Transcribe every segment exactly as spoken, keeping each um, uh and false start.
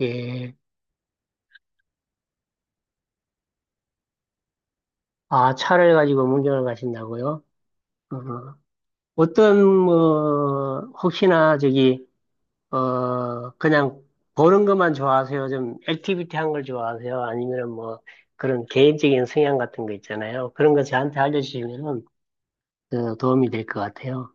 예. 아, 차를 가지고 문경을 가신다고요? 어, 어떤, 뭐, 혹시나 저기, 어, 그냥 보는 것만 좋아하세요? 좀 액티비티 한 걸 좋아하세요? 아니면 뭐, 그런 개인적인 성향 같은 거 있잖아요. 그런 거 저한테 알려주시면은 어, 도움이 될 것 같아요.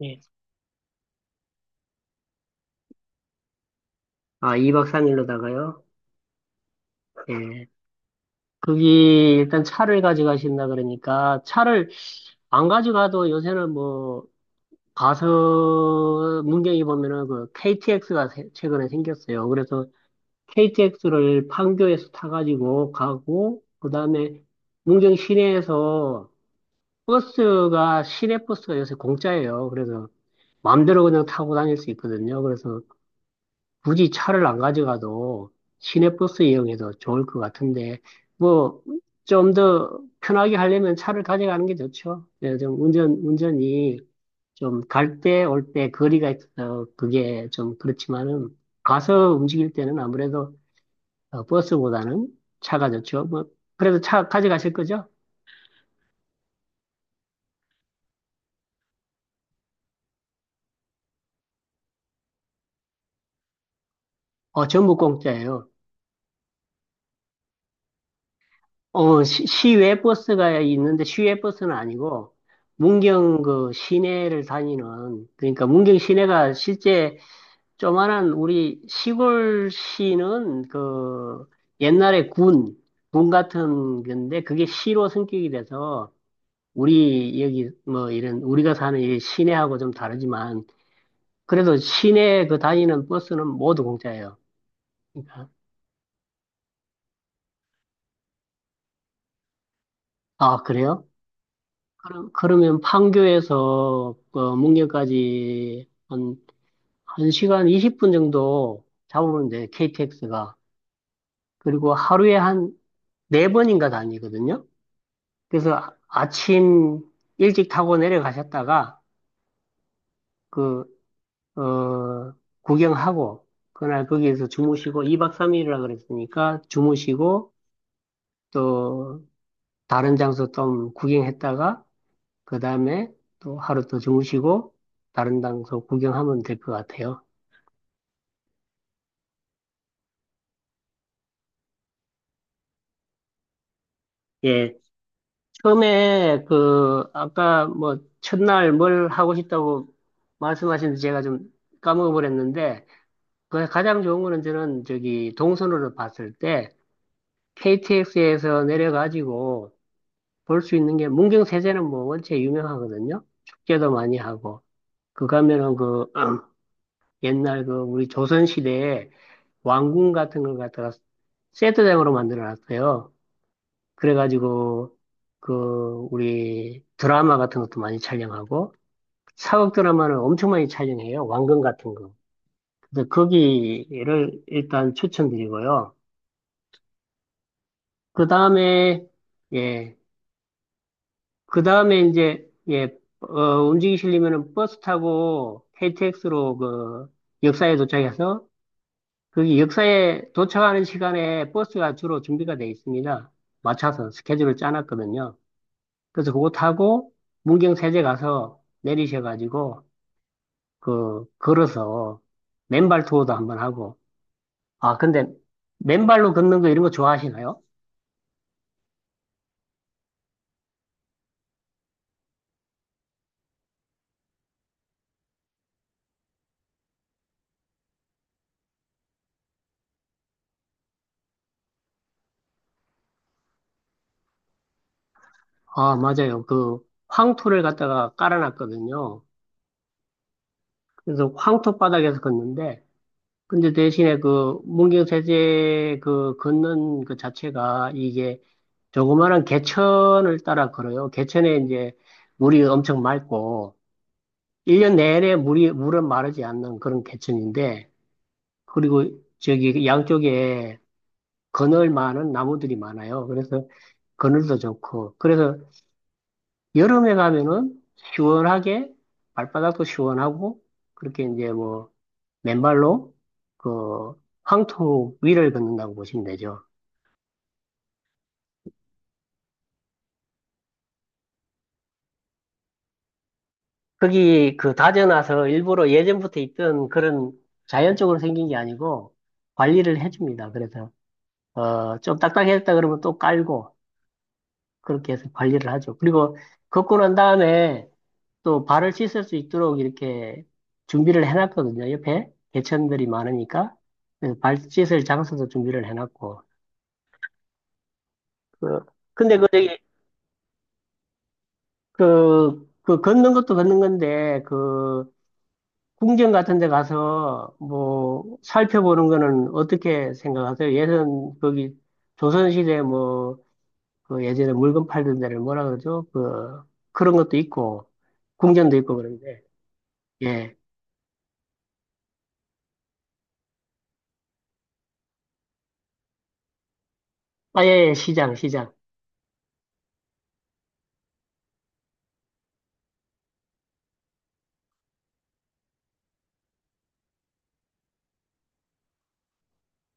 예. 아, 이 박 삼 일로다가요? 예. 거기 일단 차를 가져가신다 그러니까 차를 안 가져가도 요새는 뭐 가서 문경이 보면은 그 케이티엑스가 최근에 생겼어요. 그래서 케이티엑스를 판교에서 타가지고 가고 그다음에 문경 시내에서 버스가 시내 버스가 요새 공짜예요. 그래서 마음대로 그냥 타고 다닐 수 있거든요. 그래서 굳이 차를 안 가져가도 시내 버스 이용해도 좋을 것 같은데 뭐 좀 더 편하게 하려면 차를 가져가는 게 좋죠. 네, 좀 운전 운전이 좀 갈 때 올 때 거리가 있어 그게 좀 그렇지만은 가서 움직일 때는 아무래도 어, 버스보다는 차가 좋죠. 뭐 그래도 차 가져가실 거죠? 어 전부 공짜예요. 어 시, 시외 버스가 있는데 시외 버스는 아니고 문경 그 시내를 다니는 그러니까 문경 시내가 실제 조만한 우리 시골시는 그 옛날에 군 군 같은 건데 그게 시로 승격이 돼서 우리 여기 뭐 이런 우리가 사는 이 시내하고 좀 다르지만 그래도 시내 그 다니는 버스는 모두 공짜예요. 그러니까 아 그래요? 그럼 그러면 판교에서 그 문경까지 한 한 시간 이십 분 정도 잡으면 돼요, 케이티엑스가. 그리고 하루에 한 네번인가 다니거든요. 그래서 아- 아침 일찍 타고 내려가셨다가 그 어, 구경하고, 그날 거기에서 주무시고, 이 박 삼 일이라 그랬으니까 주무시고, 또 다른 장소 좀 구경했다가, 그 다음에 또 하루 더 주무시고, 다른 장소 구경하면 될 것 같아요. 예. 처음에 그, 아까 뭐, 첫날 뭘 하고 싶다고 말씀하시는데 제가 좀 까먹어버렸는데, 그 가장 좋은 거는 저는 저기 동선으로 봤을 때, 케이티엑스에서 내려가지고, 볼 수 있는 게 문경 세제는 뭐 원체 유명하거든요. 축제도 많이 하고 그 가면은 그 옛날 그 우리 조선 시대에 왕궁 같은 걸 갖다가 세트장으로 만들어 놨어요. 그래가지고 그 우리 드라마 같은 것도 많이 촬영하고 사극 드라마는 엄청 많이 촬영해요, 왕궁 같은 거. 그래서 거기를 일단 추천드리고요. 그 다음에 예. 그 다음에 이제, 예, 어, 움직이시려면은 버스 타고 케이티엑스로 그 역사에 도착해서 거기 역사에 도착하는 시간에 버스가 주로 준비가 돼 있습니다. 맞춰서 스케줄을 짜놨거든요. 그래서 그거 타고 문경세제 가서 내리셔가지고 그 걸어서 맨발 투어도 한번 하고 아 근데 맨발로 걷는 거 이런 거 좋아하시나요? 아 맞아요. 그 황토를 갖다가 깔아놨거든요. 그래서 황토 바닥에서 걷는데 근데 대신에 그 문경세제 그 걷는 그 자체가 이게 조그마한 개천을 따라 걸어요. 개천에 이제 물이 엄청 맑고 일 년 내내 물이 물은 마르지 않는 그런 개천인데 그리고 저기 양쪽에 그늘 많은 나무들이 많아요. 그래서 그늘도 좋고 그래서 여름에 가면은 시원하게 발바닥도 시원하고 그렇게 이제 뭐 맨발로 그 황토 위를 걷는다고 보시면 되죠. 거기 그 다져놔서 일부러 예전부터 있던 그런 자연적으로 생긴 게 아니고 관리를 해줍니다. 그래서 어, 좀 딱딱했다 그러면 또 깔고 그렇게 해서 관리를 하죠. 그리고 걷고 난 다음에 또 발을 씻을 수 있도록 이렇게 준비를 해놨거든요. 옆에 개천들이 많으니까. 그래서 발 씻을 장소도 준비를 해놨고. 그, 근데 그, 저기, 그, 그 걷는 것도 걷는 건데, 그, 궁전 같은 데 가서 뭐 살펴보는 거는 어떻게 생각하세요? 예전 거기 조선시대 뭐, 그 예전에 물건 팔던 데를 뭐라 그러죠? 그, 그런 것도 있고, 궁전도 있고 그런데, 예. 아, 예, 예, 시장, 시장.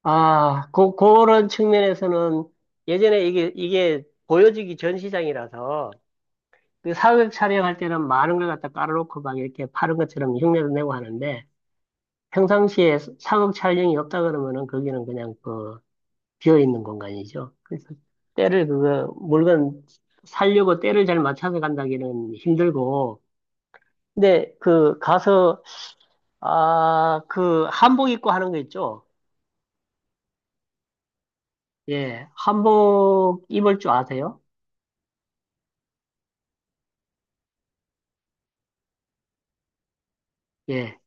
아, 고, 그런 측면에서는 예전에 이게, 이게 보여지기 전 시장이라서 그 사극 촬영할 때는 많은 걸 갖다 깔아놓고 막 이렇게 파는 것처럼 흉내도 내고 하는데 평상시에 사극 촬영이 없다 그러면은 거기는 그냥 그 비어있는 공간이죠. 그래서 때를 그거 물건 살려고 때를 잘 맞춰서 간다기는 힘들고 근데 그 가서 아, 그 한복 입고 하는 거 있죠? 예, 한복 입을 줄 아세요? 예.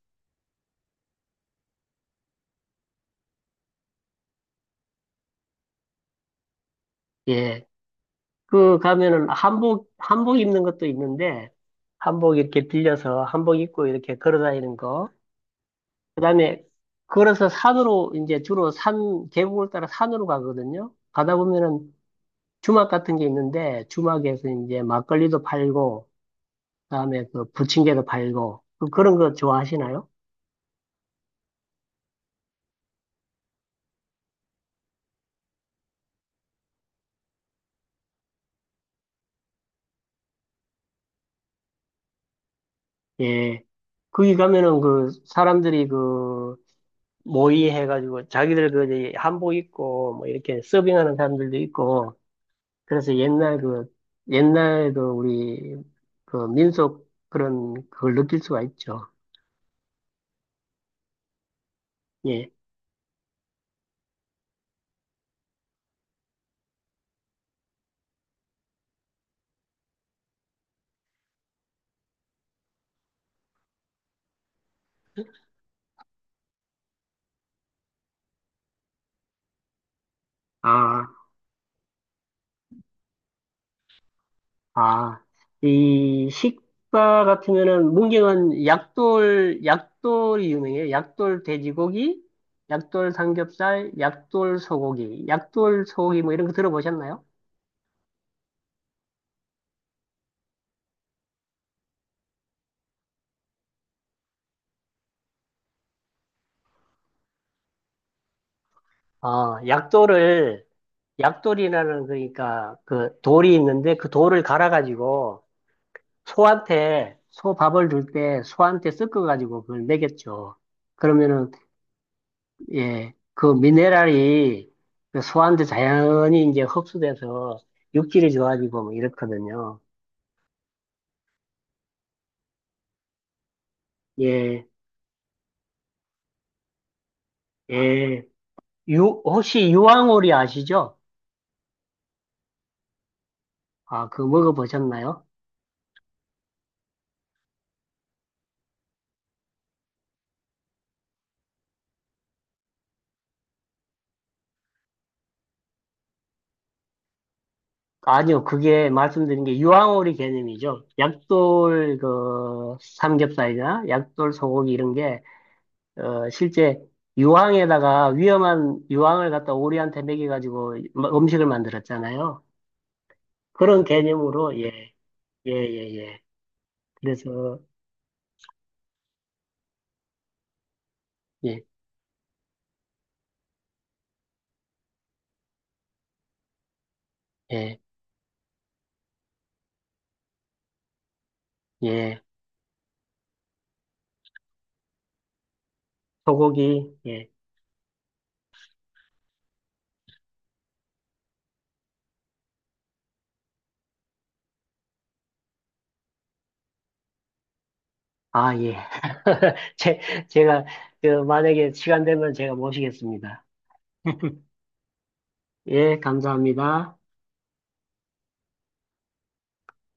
예. 그 가면은 한복, 한복 입는 것도 있는데, 한복 이렇게 빌려서 한복 입고 이렇게 걸어 다니는 거. 그다음에 걸어서 산으로 이제 주로 산, 계곡을 따라 산으로 가거든요. 가다 보면은 주막 같은 게 있는데, 주막에서 이제 막걸리도 팔고, 그다음에 그 부침개도 팔고, 그- 그런 거 좋아하시나요? 예. 거기 가면은 그 사람들이 그 모의해가지고 자기들 그 이제 한복 입고 뭐 이렇게 서빙하는 사람들도 있고, 그래서 옛날 그, 옛날 그 우리 그 민속 그런 그걸 느낄 수가 있죠. 예. 아, 아. 이 식사 같으면은 문경은 약돌, 약돌이 유명해요. 약돌 돼지고기, 약돌 삼겹살, 약돌 소고기, 약돌 소고기 뭐 이런 거 들어보셨나요? 아, 약돌을 약돌이라는 그러니까 그 돌이 있는데 그 돌을 갈아가지고 소한테 소 밥을 줄 때 소한테 섞어가지고 그걸 먹였죠. 그러면은 예, 그 미네랄이 그 소한테 자연히 이제 흡수돼서 육질이 좋아지고 뭐 이렇거든요. 예, 예. 유, 혹시 유황오리 아시죠? 아, 그거 먹어보셨나요? 아니요, 그게 말씀드린 게 유황오리 개념이죠. 약돌 그 삼겹살이나 약돌 소고기 이런 게 어, 실제 유황에다가 위험한 유황을 갖다 오리한테 먹여가지고 음식을 만들었잖아요. 그런 개념으로, 예, 예, 예, 예. 그래서, 예, 예, 예. 소고기, 예. 아, 예. 제, 제가, 그, 만약에 시간 되면 제가 모시겠습니다. 예, 감사합니다.